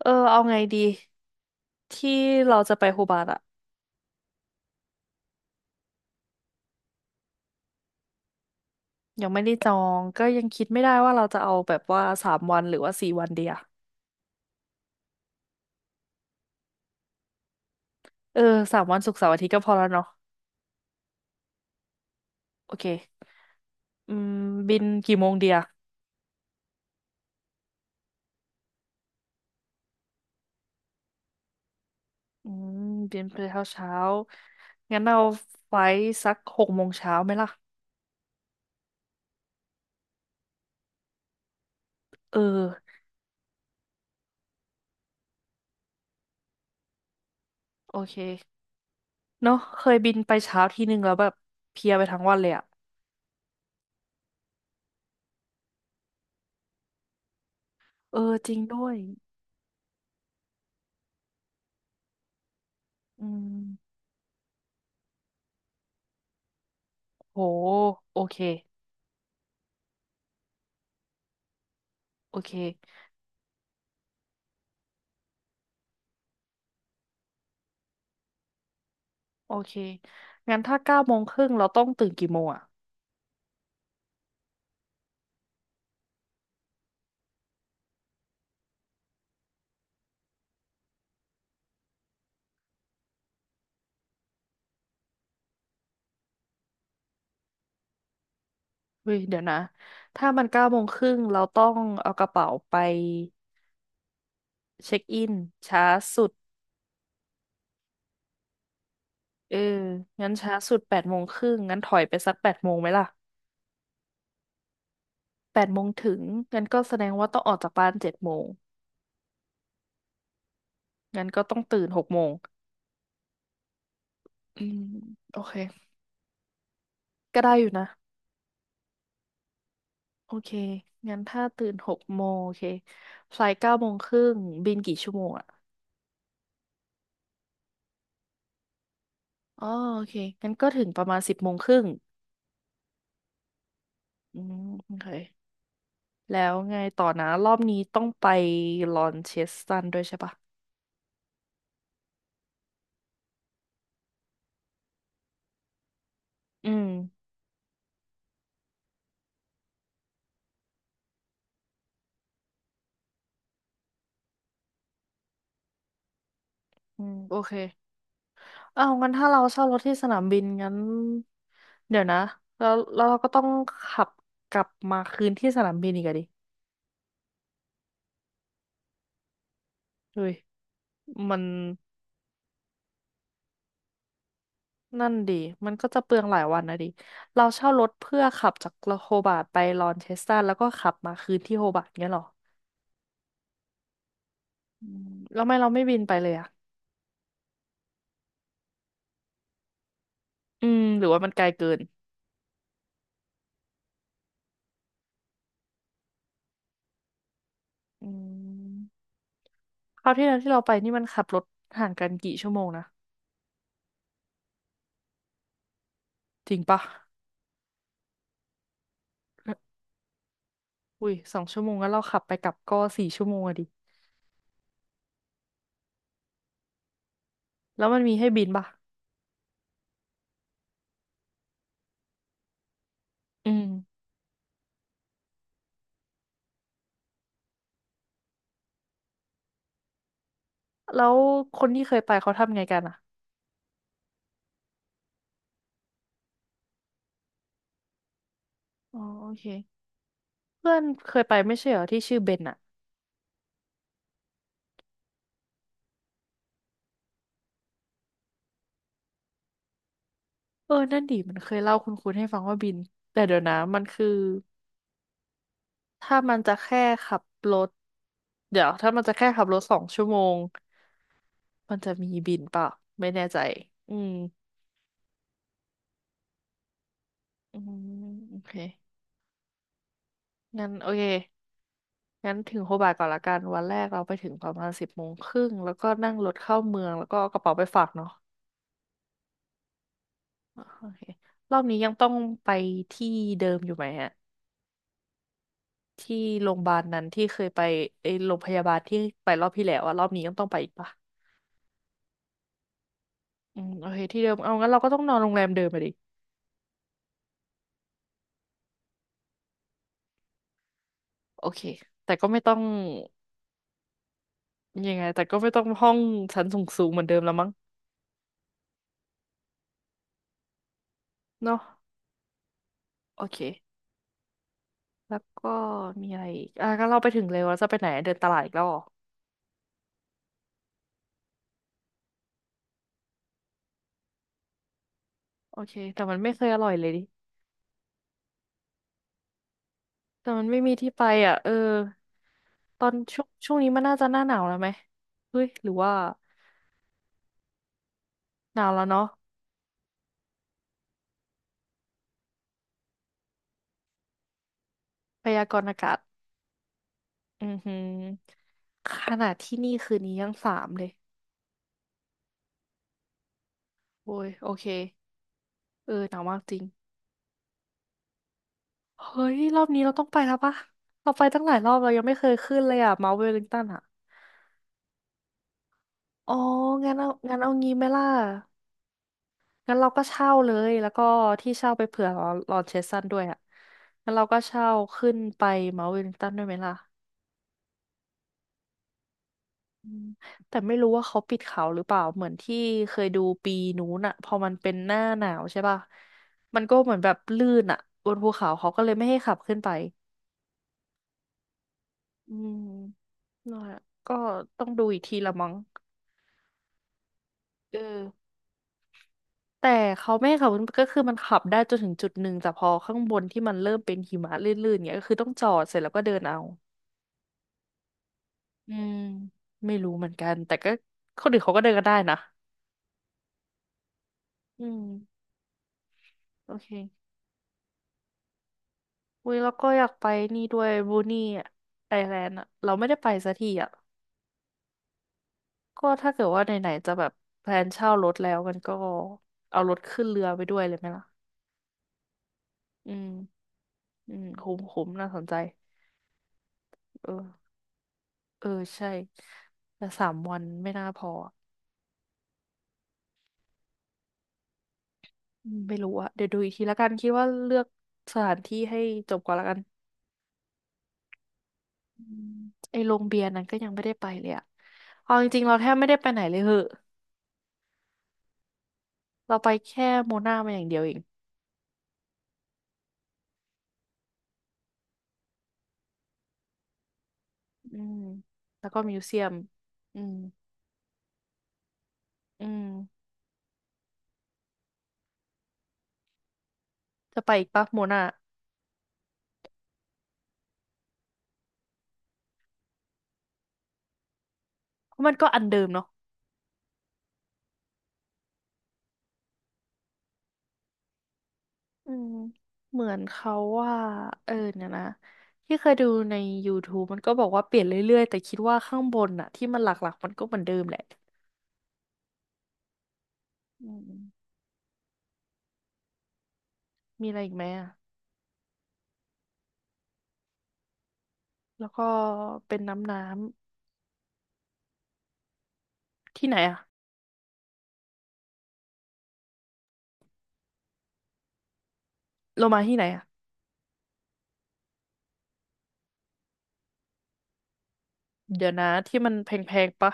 เออเอาไงดีที่เราจะไปโฮบาร์ตอะยังไม่ได้จองก็ยังคิดไม่ได้ว่าเราจะเอาแบบว่าสามวันหรือว่าสี่วันเดียเออสามวันศุกร์เสาร์อาทิตย์ก็พอแล้วเนาะโอเคอืมบินกี่โมงเดียอืมบินไปเช้าเช้างั้นเราไฟล์สักหกโมงเช้าไหมล่ะเออโอเคเนาะเคยบินไปเช้าทีนึงแล้วแบบเพลียไปทั้งวันเลยอะเออจริงด้วยอืมโหโอเคโอเค โอเค งั้นถ้าเก้าโมงครึ่งเราต้องตื่นกี่โมงอ่ะเฮ้ยเดี๋ยวนะถ้ามันเก้าโมงครึ่งเราต้องเอากระเป๋าไปเช็คอินช้าสุดเอองั้นช้าสุดแปดโมงครึ่งงั้นถอยไปสักแปดโมงไหมล่ะแปดโมงถึงงั้นก็แสดงว่าต้องออกจากบ้านเจ็ดโมงงั้นก็ต้องตื่นหกโมงอืมโอเคก็ได้อยู่นะโอเคงั้นถ้าตื่นหกโมงโอเคไฟล์เก้าโมงครึ่งบินกี่ชั่วโมงอ่ะอ๋อโอเคงั้นก็ถึงประมาณสิบโมงครึ่ง อืมโอเคแล้วไงต่อนะรอบนี้ต้องไปลอนเชสตันด้วยใช่ปะอืมอืมโอเคเอาวงั้นถ้าเราเช่ารถที่สนามบินงั้นเดี๋ยวนะแล้วเราก็ต้องขับกลับมาคืนที่สนามบินอีกอะดิเฮ้ยมันนั่นดิมันก็จะเปลืองหลายวันนะดิเราเช่ารถเพื่อขับจากโฮบาร์ตไปลอนเชสตันแล้วก็ขับมาคืนที่โฮบาร์ตเงี้ยเหรออืมแล้วทำไม่เราไม่บินไปเลยอะอืมหรือว่ามันไกลเกินอืม คราวที่แล้วที่เราไปนี่มันขับรถห่างกันกี่ชั่วโมงนะจริงปะอุ้ยสองชั่วโมงแล้วเราขับไปกลับก็สี่ชั่วโมงอะดิแล้วมันมีให้บินปะอืมแล้วคนที่เคยไปเขาทำไงกันอะอ๋อโอเคเพื่อนเคยไปไม่ใช่เหรอที่ชื่อเบนอะเออนั่นดิมันเคยเล่าคุณให้ฟังว่าบินแต่เดี๋ยวนะมันคือถ้ามันจะแค่ขับรถเดี๋ยวถ้ามันจะแค่ขับรถสองชั่วโมงมันจะมีบินเปล่าไม่แน่ใจอืมอืมโอเคงั้นโอเค งั้นถึงโฮบาร์ตก่อนละกัน วันแรกเราไปถึงประมาณสิบโมงครึ่งแล้วก็นั่งรถเข้าเมือง แล้วก็เอากระเป๋าไปฝากเนาะอ่ะโอเครอบนี้ยังต้องไปที่เดิมอยู่ไหมฮะที่โรงพยาบาลนั้นที่เคยไปไอ้โรงพยาบาลที่ไปรอบที่แล้วอะรอบนี้ยังต้องไปอีกปะอืมโอเคที่เดิมเอางั้นเราก็ต้องนอนโรงแรมเดิมไปดิ โอเค แต่ก็ไม่ต้อง ยังไงแต่ก็ไม่ต้องห้องชั้นสูงๆเหมือนเดิมแล้วมั้งเนาะโอเค แล้วก็มีอะไรอีกอ่ะก็เราไปถึงเล็วแลจะไปไหนเดินตลาดอีกแล้วเหรอ โอเค แต่มันไม่เคยอร่อยเลยดิ แต่มันไม่มีที่ไปอ่ะเออตอนช่วงนี้มันน่าจะหน้าหนาวแล้วไหมเฮ้ยหรือว่าหนาวแล้วเนาะพยากรณ์อากาศอือหือขนาดที่นี่คืนนี้ยังสามเลยโอ้ยโอเค เออหนาวมากจริงเฮ้ยรอบนี้เราต้องไปแล้วปะเราไปตั้งหลายรอบเรายังไม่เคยขึ้นเลยอ่ะเมาท์เวลลิงตันอ่ะอ๋องั้นเอางั้นเอางี้ไหมล่ะ งั้นเราก็เช่าเลย แล้วก็ที่เช่าไปเผื่อลอนเชสซันด้วยอ่ะงั้นเราก็เช่าขึ้นไปเมาท์เวลลิงตันด้วยไหมล่ะอืมแต่ไม่รู้ว่าเขาปิดเขาหรือเปล่า เหมือนที่เคยดูปีนู้นอ่ะพอมันเป็นหน้าหนาวใช่ป่ะมันก็เหมือนแบบลื่นอ่ะบนภูเขาเขาก็เลยไม่ให้ขับขึ้นไปอืมนั่นแหละก็ต้องดูอีกทีละมั้งเออแต่เขาไม่ให้ขับขึ้นก็คือมันขับได้จนถึงจุดหนึ่งแต่พอข้างบนที่มันเริ่มเป็นหิมะลื่นๆเงี้ยก็คือต้องจอดเสร็จแล้วก็เดินเอา อืมไม่รู้เหมือนกันแต่ก็คนอื่นเขาก็เดินกันได้นะอืมโอเคอุ้ยแล้วก็อยากไปนี่ด้วยบูนี่ไอแลนด์อะเราไม่ได้ไปสักทีอะก็ถ้าเกิดว่าไหนๆจะแบบแพลนเช่ารถแล้วกันก็เอารถขึ้นเรือไปด้วยเลยไหมล่ะอืมอืมคุ้มน่าสนใจเออเออใช่แต่สามวันไม่น่าพออะอืมไม่รู้อะเดี๋ยวดูอีกทีละกันคิดว่าเลือกสถานที่ให้จบก่อนละกัน อืมไอ้โรงเบียร์นั้นก็ยังไม่ได้ไปเลยอะเอาจริงๆเราแทบไม่ได้ไปไหนเลยเหอะเราไปแค่โมนามาอย่างเดียวเอง อืม แล้วก็มิวเซียมอืมอืม จะไปอีกปะโมนาเพราะมันก็อันเดิมเนาะอืม เหมือนเขาว่าเออเนี่ยนะที่เคยดูใน YouTube มันก็บอกว่าเปลี่ยนเรื่อยๆแต่คิดว่าข้างบนอะที่มันหลักๆมันก็เหมือนเดิมแหละอืมมีอะไรอีกไหมอะแล้วก็เป็นน้ำน้ำที่ไหนอะโลมาที่ไหนอะ เดี๋ยวนะที่มันแพงๆปะ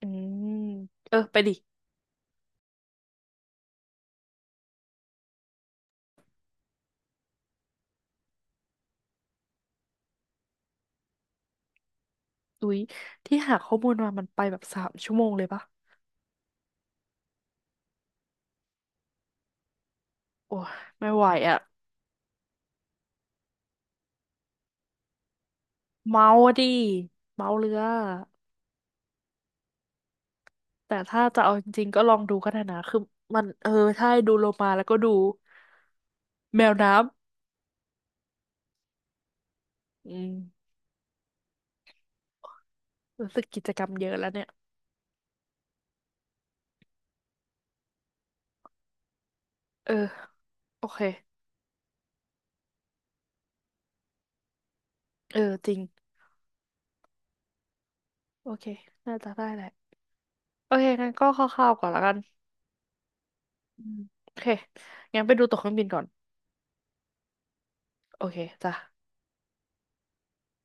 อืมเออไปดิอุ๊ยที่หาข้อมูลมา มันไปแบบสามชั่วโมงเลยปะ โอ้ยไม่ไหวอะเมาอะดิเมาเรือแต่ถ้าจะเอาจริงๆก็ลองดูก็ได้นะ คือมันเออใช่ดูโลมาแล้วก็ดูแมวน้ำ อืมรู้สึกกิจกรรมเยอะแล้วเนี่ย เออโอเคเออจริงโอเคน่าจะได้แหละโอเคงั้นก็คร่าวๆก่อนละกันอืมโอเคงั้นไปดูตั๋วเครื่องบินก่อนโอเคจ้ะ